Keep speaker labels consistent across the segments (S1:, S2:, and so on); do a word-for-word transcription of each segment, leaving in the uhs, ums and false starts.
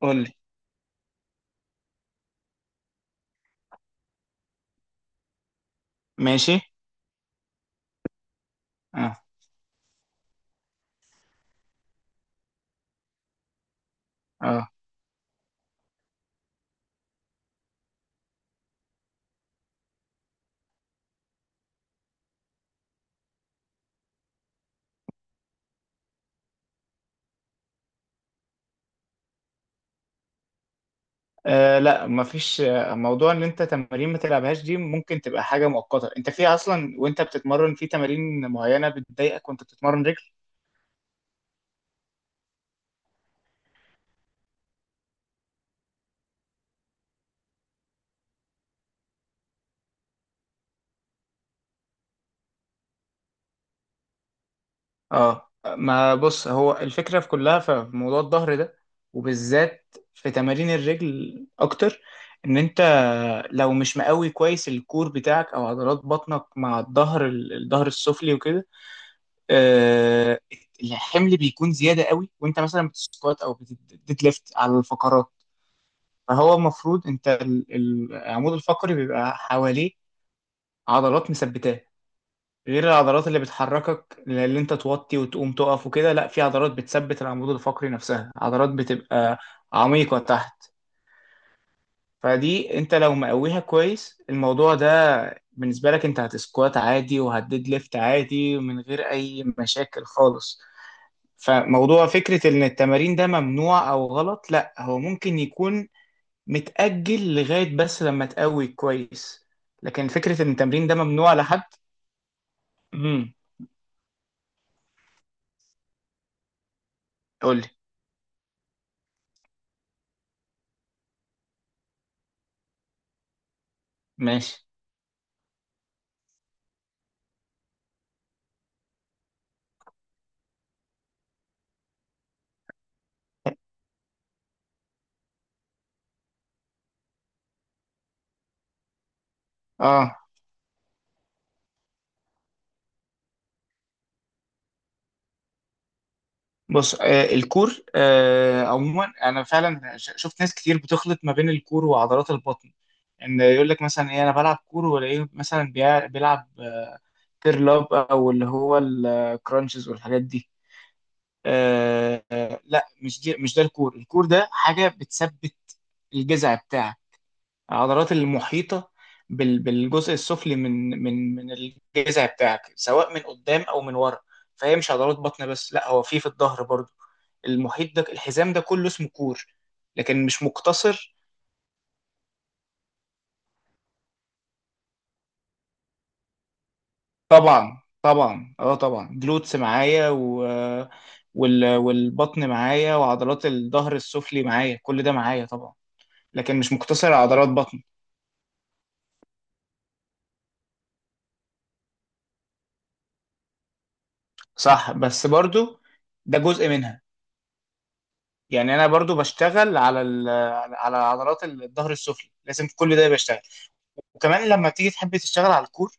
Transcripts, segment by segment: S1: قول لي. ماشي. اه، اه. آه، لا، مفيش آه، موضوع ان انت تمارين ما تلعبهاش. دي ممكن تبقى حاجه مؤقته، انت في اصلا وانت بتتمرن في تمارين معينه بتضايقك وانت بتتمرن رجل. اه. ما بص، هو الفكره في كلها في موضوع الظهر ده، وبالذات في تمارين الرجل اكتر، ان انت لو مش مقوي كويس الكور بتاعك او عضلات بطنك مع الظهر، الظهر السفلي وكده، آه، الحمل بيكون زياده قوي وانت مثلا بتسكوات او بتديد ليفت على الفقرات. فهو المفروض انت ال- ال- العمود الفقري بيبقى حواليه عضلات مثبتاه، غير العضلات اللي بتحركك اللي انت توطي وتقوم تقف وكده. لا، في عضلات بتثبت العمود الفقري نفسها، عضلات بتبقى عميقه تحت. فدي انت لو مقويها كويس الموضوع ده بالنسبه لك، انت هتسكوات عادي وهتديد ليفت عادي من غير اي مشاكل خالص. فموضوع فكرة إن التمارين ده ممنوع أو غلط، لأ، هو ممكن يكون متأجل لغاية بس لما تقوي كويس. لكن فكرة إن التمرين ده ممنوع لحد... امم. قولي. ماشي. اه. بص، آه الكور، آه عموما أنا فعلا ش- شفت ناس كتير بتخلط ما بين الكور وعضلات البطن، إن يقول لك مثلا إيه، أنا بلعب كور، ولا إيه، مثلا بيع- بيلعب كيرل أب أو اللي هو الكرانشز والحاجات دي. آه. لا، مش دي، مش ده الكور. الكور ده حاجة بتثبت الجذع بتاعك، العضلات المحيطة بال- بالجزء السفلي من من من الجذع بتاعك، سواء من قدام أو من ورا. فهي مش عضلات بطن بس، لا، هو في في الظهر برضو. المحيط ده، الحزام ده كله اسمه كور. لكن مش مقتصر. طبعا، طبعا، اه طبعا جلوتس معايا، و وال... والبطن معايا وعضلات الظهر السفلي معايا، كل ده معايا طبعا. لكن مش مقتصر على عضلات بطن. صح، بس برضو ده جزء منها. يعني انا برضو بشتغل على ال- على عضلات الظهر السفلي، لازم في كل ده بشتغل. وكمان لما تيجي تحب تشتغل على الكور،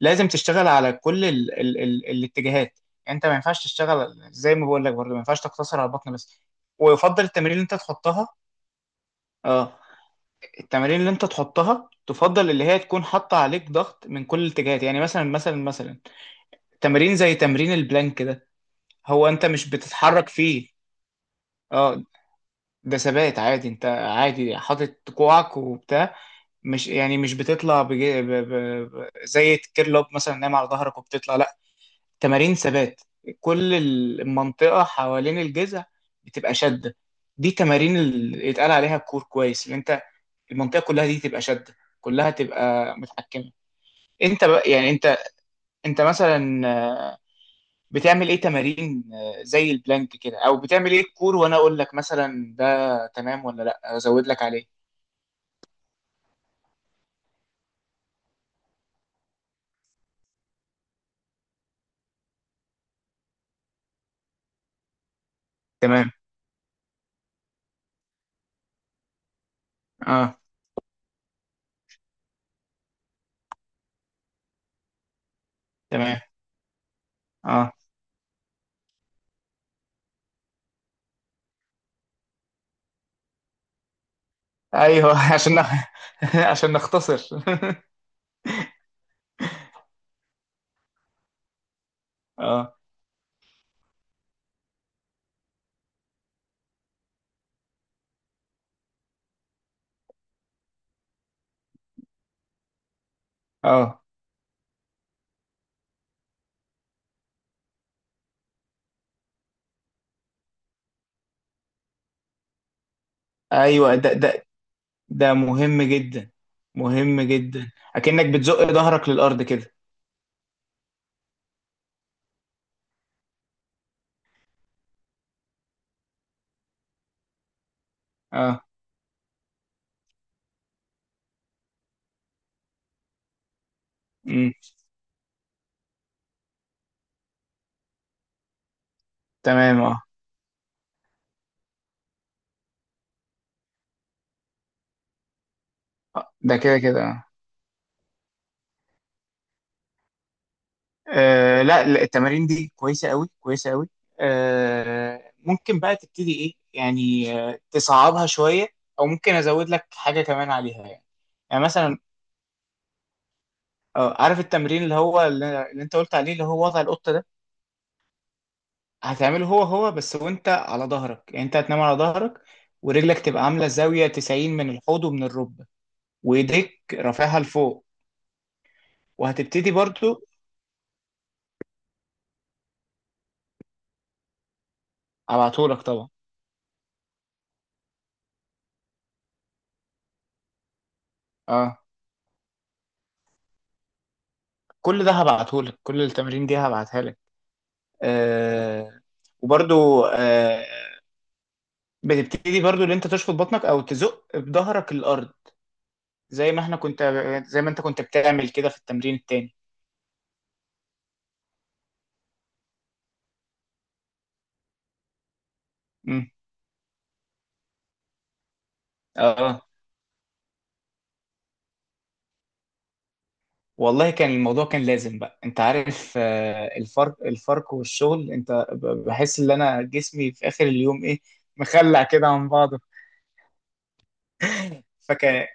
S1: لازم تشتغل على كل ال ال ال الاتجاهات. يعني انت ما ينفعش تشتغل، زي ما بقول لك، برضو ما ينفعش تقتصر على البطن بس، ويفضل التمارين اللي انت تحطها. اه. التمارين اللي انت تحطها تفضل اللي هي تكون حاطه عليك ضغط من كل الاتجاهات. يعني مثلا مثلا مثلا تمارين زي تمرين البلانك ده، هو انت مش بتتحرك فيه. اه. ده ثبات عادي، انت عادي حاطط كوعك وبتاع، مش يعني مش بتطلع، بجي ب... ب... ب... زي الكيرلوب مثلا نايم على ظهرك وبتطلع، لا، تمارين ثبات. كل المنطقة حوالين الجذع بتبقى شدة. دي تمارين اللي اتقال عليها الكور كويس اللي انت... المنطقة كلها دي تبقى شدة، كلها تبقى متحكمة. انت بقى، يعني انت انت مثلا بتعمل ايه تمارين؟ زي البلانك كده؟ او بتعمل ايه الكور، وانا اقول لك مثلا ده تمام ولا لا، ازود لك عليه؟ تمام. اه. تمام. اه. ايوه. عشان نخ... عشان نختصر. اه. اه. ايوه. ده ده ده مهم جدا، مهم جدا، اكنك بتزق ظهرك للارض كده. اه. امم. تمام. اه. آه، ده كده كده. اه. آه، لا، لا، التمارين دي كويسه قوي، كويسه قوي. آه، ممكن بقى تبتدي ايه، يعني آه، تصعبها شويه، او ممكن ازود لك حاجه كمان عليها يعني. يعني مثلا، آه، عارف التمرين اللي هو اللي اللي انت قلت عليه، اللي هو وضع القطه ده؟ هتعمله هو هو بس وانت على ظهرك، يعني انت هتنام على ظهرك، ورجلك تبقى عاملة زاوية تسعين من الحوض ومن الركبة، وايديك رافعها لفوق، وهتبتدي برضو. هبعتهولك طبعا. اه. كل ده هبعتهولك، كل التمارين دي هبعتها لك. آه. وبرضو آه. بتبتدي برضو اللي انت تشفط بطنك او تزق بظهرك الارض، زي ما احنا كنت زي ما انت كنت بتعمل كده في التمرين التاني. امم. اه. والله كان الموضوع كان لازم بقى، انت عارف، آه، الفرق، الفرق والشغل، انت ب- بحس ان انا جسمي في اخر اليوم ايه، مخلع كده عن بعضه. فكان...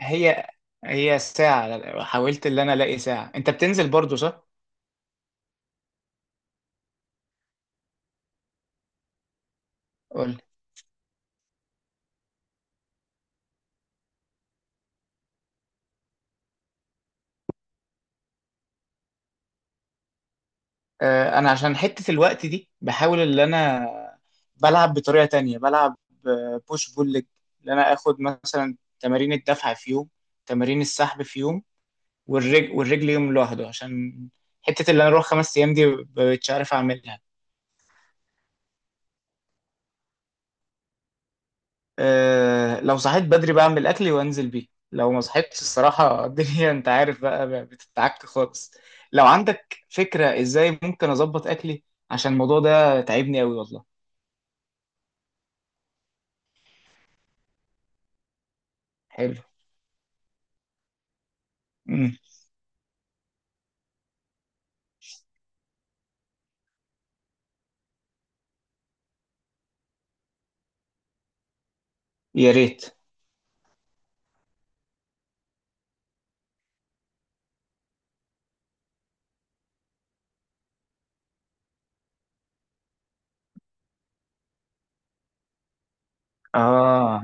S1: هي هي ساعة حاولت ان انا الاقي ساعة انت بتنزل برضو، صح؟ قول. آه، انا عشان حتة الوقت دي بحاول ان انا بلعب بطريقة تانية، بلعب بوش بول ليج، ان انا اخد مثلا تمارين الدفع في يوم، تمارين السحب في يوم، والرجل والرجل يوم لوحده، عشان حتة اللي انا اروح خمس ايام دي مش عارف اعملها. أه، لو صحيت بدري بعمل اكلي وانزل بيه، لو ما صحيتش الصراحة الدنيا انت عارف بقى بتتعك خالص. لو عندك فكرة ازاي ممكن اظبط اكلي، عشان الموضوع ده تعبني قوي والله. حلو. مم. يا ريت. اه.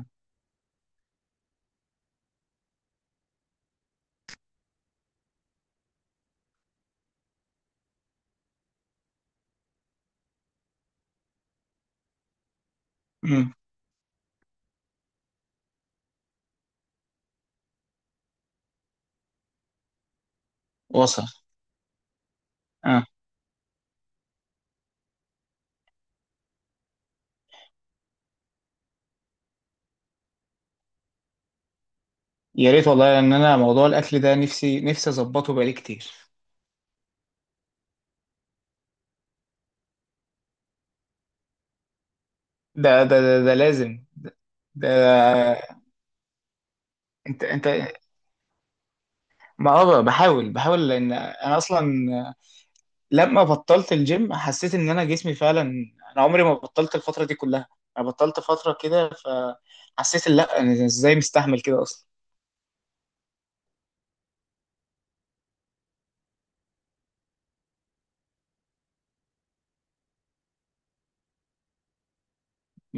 S1: مم. وصل. اه. يا ريت والله، ان انا موضوع الاكل ده نفسي نفسي اظبطه بقالي كتير. ده ده ده, ده لازم ده, ده انت انت ما اه بحاول بحاول، لان انا اصلا لما بطلت الجيم حسيت ان انا جسمي فعلا، انا عمري ما بطلت الفتره دي كلها، انا بطلت فتره كده، فحسيت إن لا، انا ازاي مستحمل كده اصلا؟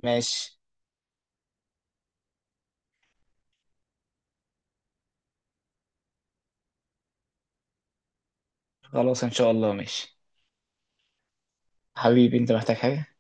S1: ماشي. خلاص ان شاء الله. ماشي. حبيبي، انت محتاج حاجه؟